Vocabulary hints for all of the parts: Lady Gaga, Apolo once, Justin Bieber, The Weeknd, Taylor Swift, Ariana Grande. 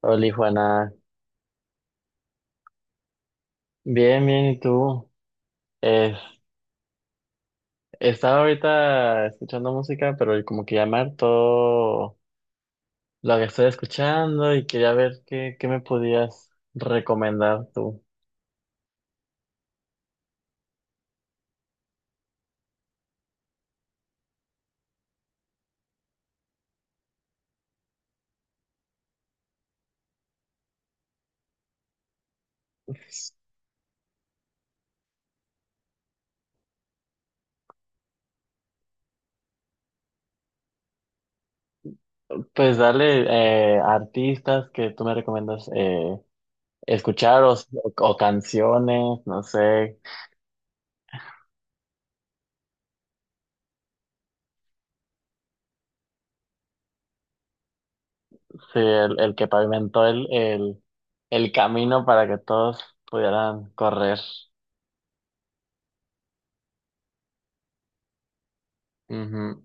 Hola, Juana. Bien, bien, ¿y tú? Eh, Estaba ahorita escuchando música, pero como que llamar todo lo que estoy escuchando y quería ver qué me podías recomendar tú. Pues dale, artistas que tú me recomiendas escuchar o canciones, no sé. Sí, el que pavimentó el camino para que todos pudieran correr. Ujú.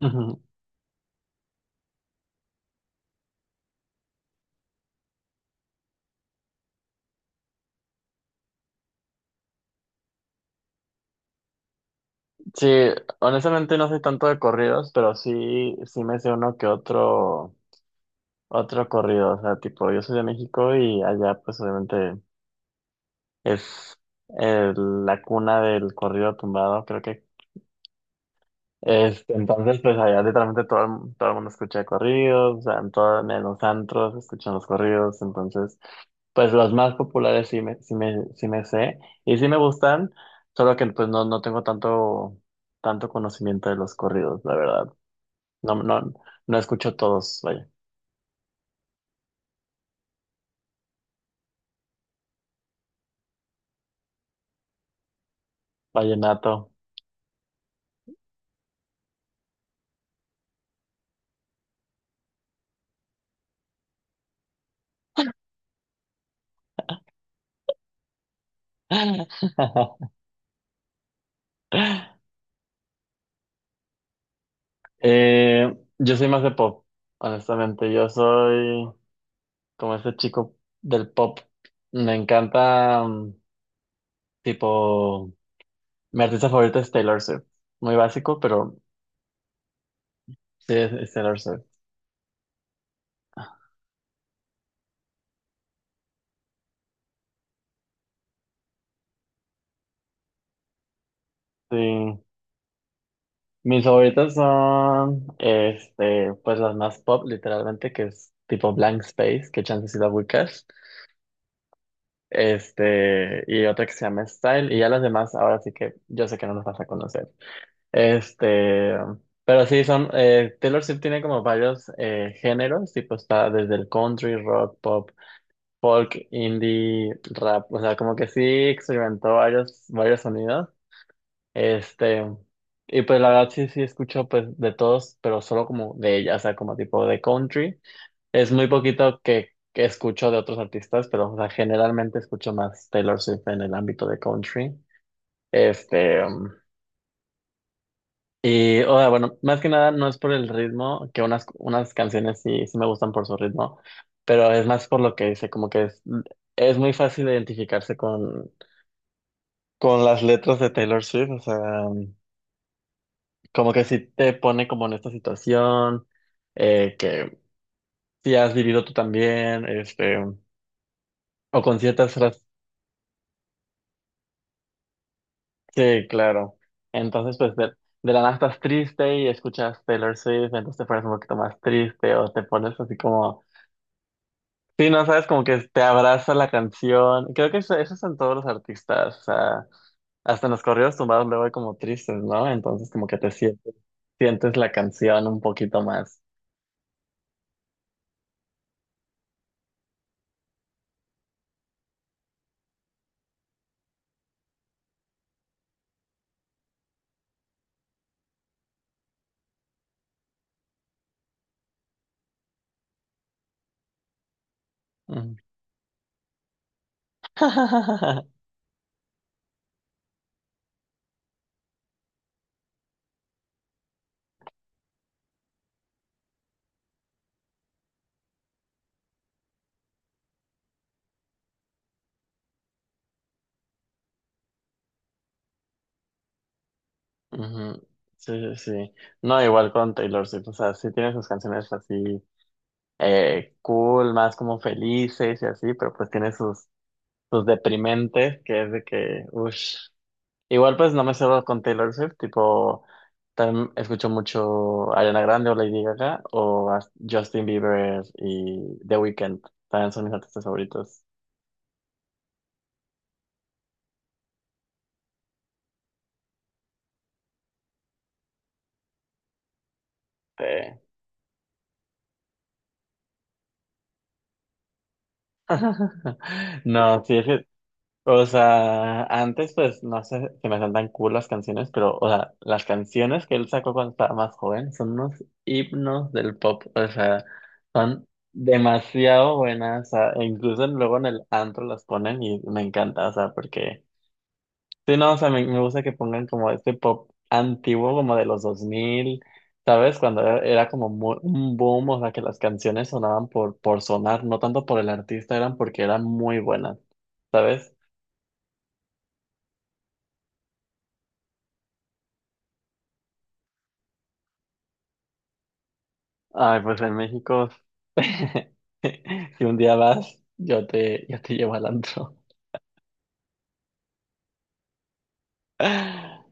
Sí, honestamente no soy tanto de corridos, pero sí, sí me sé uno que otro, otro corrido. O sea, tipo, yo soy de México y allá pues obviamente es la cuna del corrido tumbado, creo que. Este, entonces pues allá literalmente todo, todo el mundo escucha corridos, o sea, en los antros escuchan los corridos, entonces pues los más populares sí me sé y sí me gustan, solo que pues no, no tengo tanto conocimiento de los corridos, la verdad. No, no, no escucho todos, vaya, vallenato. Yo soy más de pop, honestamente. Yo soy como ese chico del pop. Me encanta, tipo, mi artista favorita es Taylor Swift. Muy básico, pero sí es Taylor Swift. Sí. Mis favoritas son, este, pues las más pop, literalmente, que es tipo Blank Space, que chance si la ubicas. Este, y otra que se llama Style, y ya las demás, ahora sí que yo sé que no nos vas a conocer. Este, pero sí, son, Taylor Swift tiene como varios géneros, tipo está desde el country, rock, pop, folk, indie, rap, o sea, como que sí experimentó varios, varios sonidos. Este, y pues la verdad sí, sí escucho pues de todos, pero solo como de ella, o sea, como tipo de country. Es muy poquito que escucho de otros artistas, pero o sea, generalmente escucho más Taylor Swift en el ámbito de country. Este, y o sea, bueno, más que nada no es por el ritmo, que unas canciones sí, sí me gustan por su ritmo, pero es más por lo que dice, como que es muy fácil identificarse con las letras de Taylor Swift, o sea, um, como que sí te pone como en esta situación, que sí has vivido tú también, este, o con ciertas frases. Sí, claro. Entonces, pues de la nada estás triste y escuchas Taylor Swift, entonces te pones un poquito más triste o te pones así como, sí, no sabes, como que te abraza la canción. Creo que eso es en todos los artistas, o sea, hasta en los corridos tumbados luego hay como tristes, ¿no? Entonces como que te sientes, sientes la canción un poquito más. Ujú. Ujú. Sí, sí, sí. No, igual con Taylor Swift, o sea, sí tiene sus canciones así cool, más como felices y así, pero pues tiene sus pues deprimente, que es de que, uff. Igual pues no me cedo con Taylor Swift, tipo, también escucho mucho Ariana Grande o Lady Gaga o a Justin Bieber y The Weeknd, también son mis artistas favoritos. Sí. No, sí, es que o sea, antes pues no sé si me son tan cool las canciones, pero o sea, las canciones que él sacó cuando estaba más joven son unos himnos del pop, o sea, son demasiado buenas, o sea, e incluso luego en el antro las ponen y me encanta, o sea, porque sí, no, o sea, me gusta que pongan como este pop antiguo como de los dos mil, ¿sabes? Cuando era como un boom, o sea, que las canciones sonaban por sonar, no tanto por el artista, eran porque eran muy buenas. ¿Sabes? Ay, pues en México, si un día vas, yo te llevo al antro.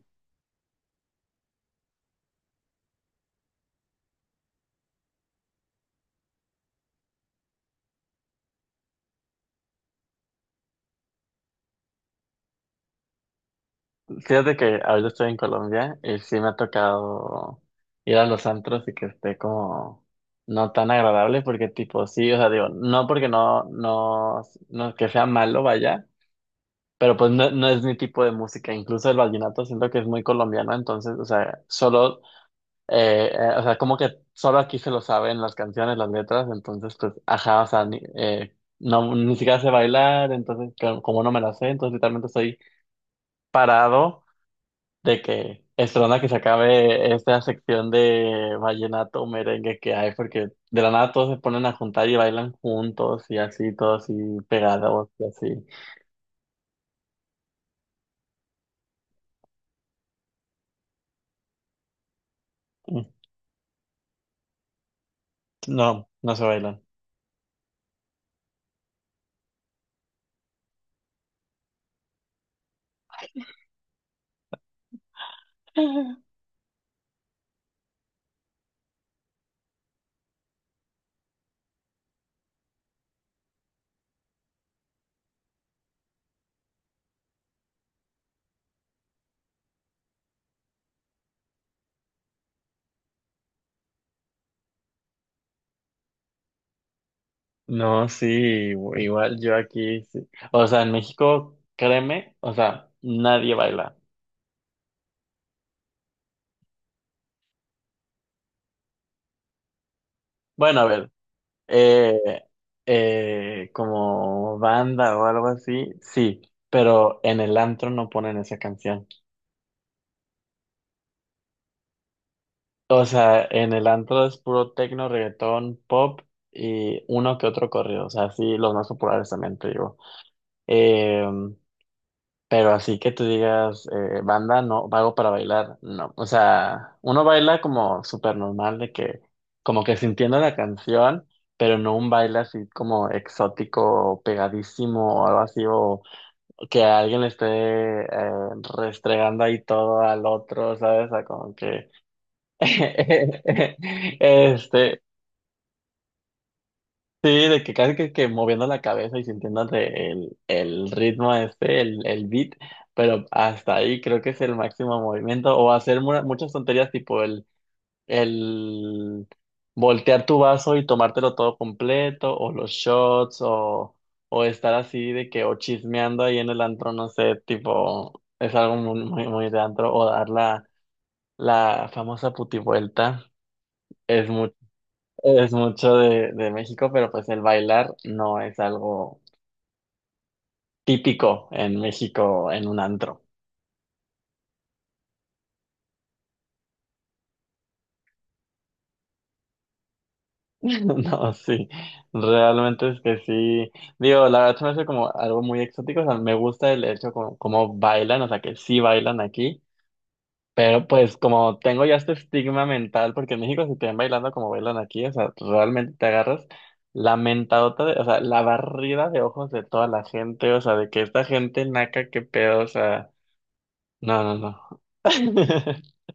Fíjate que ahorita estoy en Colombia y sí me ha tocado ir a los antros y que esté como no tan agradable porque tipo, sí, o sea, digo, no porque no que sea malo, vaya, pero pues no, no es mi tipo de música. Incluso el vallenato siento que es muy colombiano, entonces, o sea, solo o sea, como que solo aquí se lo saben las canciones, las letras, entonces pues, ajá, o sea, ni, no, ni siquiera sé bailar, entonces como no me la sé, entonces literalmente estoy parado de que esperando a que se acabe esta sección de vallenato o merengue que hay, porque de la nada todos se ponen a juntar y bailan juntos y así, todos así pegados y así. No, no se bailan. No, sí, igual yo aquí, sí. O sea, en México, créeme, o sea, nadie baila. Bueno, a ver, eh, como banda o algo así, sí, pero en el antro no ponen esa canción. O sea, en el antro es puro tecno, reggaetón, pop y uno que otro corrido. O sea, sí, los más populares también te digo. Em, Pero así que tú digas, banda, no, vago para bailar, no. O sea, uno baila como súper normal, de que, como que sintiendo la canción, pero no un baile así como exótico, o pegadísimo o algo así, o que a alguien le esté eh, restregando ahí todo al otro, ¿sabes? O sea, como que, este, sí, de que casi que moviendo la cabeza y sintiendo el ritmo este, el beat, pero hasta ahí creo que es el máximo movimiento, o hacer muchas tonterías tipo el voltear tu vaso y tomártelo todo completo, o los shots, o estar así de que, o chismeando ahí en el antro, no sé, tipo, es algo muy, muy, muy de antro, o dar la famosa putivuelta, es es mucho de México, pero pues el bailar no es algo típico en México en un antro. No, sí, realmente es que sí. Digo, la verdad se me hace como algo muy exótico. O sea, me gusta el hecho como, como bailan, o sea, que sí bailan aquí. Pero pues como tengo ya este estigma mental, porque en México si te ven bailando como bailan aquí, o sea, realmente te agarras la mentadota, de- o sea, la barrida de ojos de toda la gente, o sea, de que esta gente naca, qué pedo, o sea. No, no, no.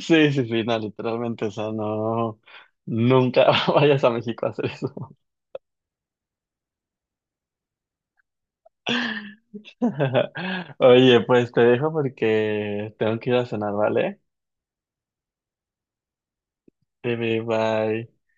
Sí, sí, sí, no, literalmente, o sea, no, nunca vayas a México a hacer eso. Oye, pues te dejo porque tengo que ir a cenar, ¿vale? Bye, bye.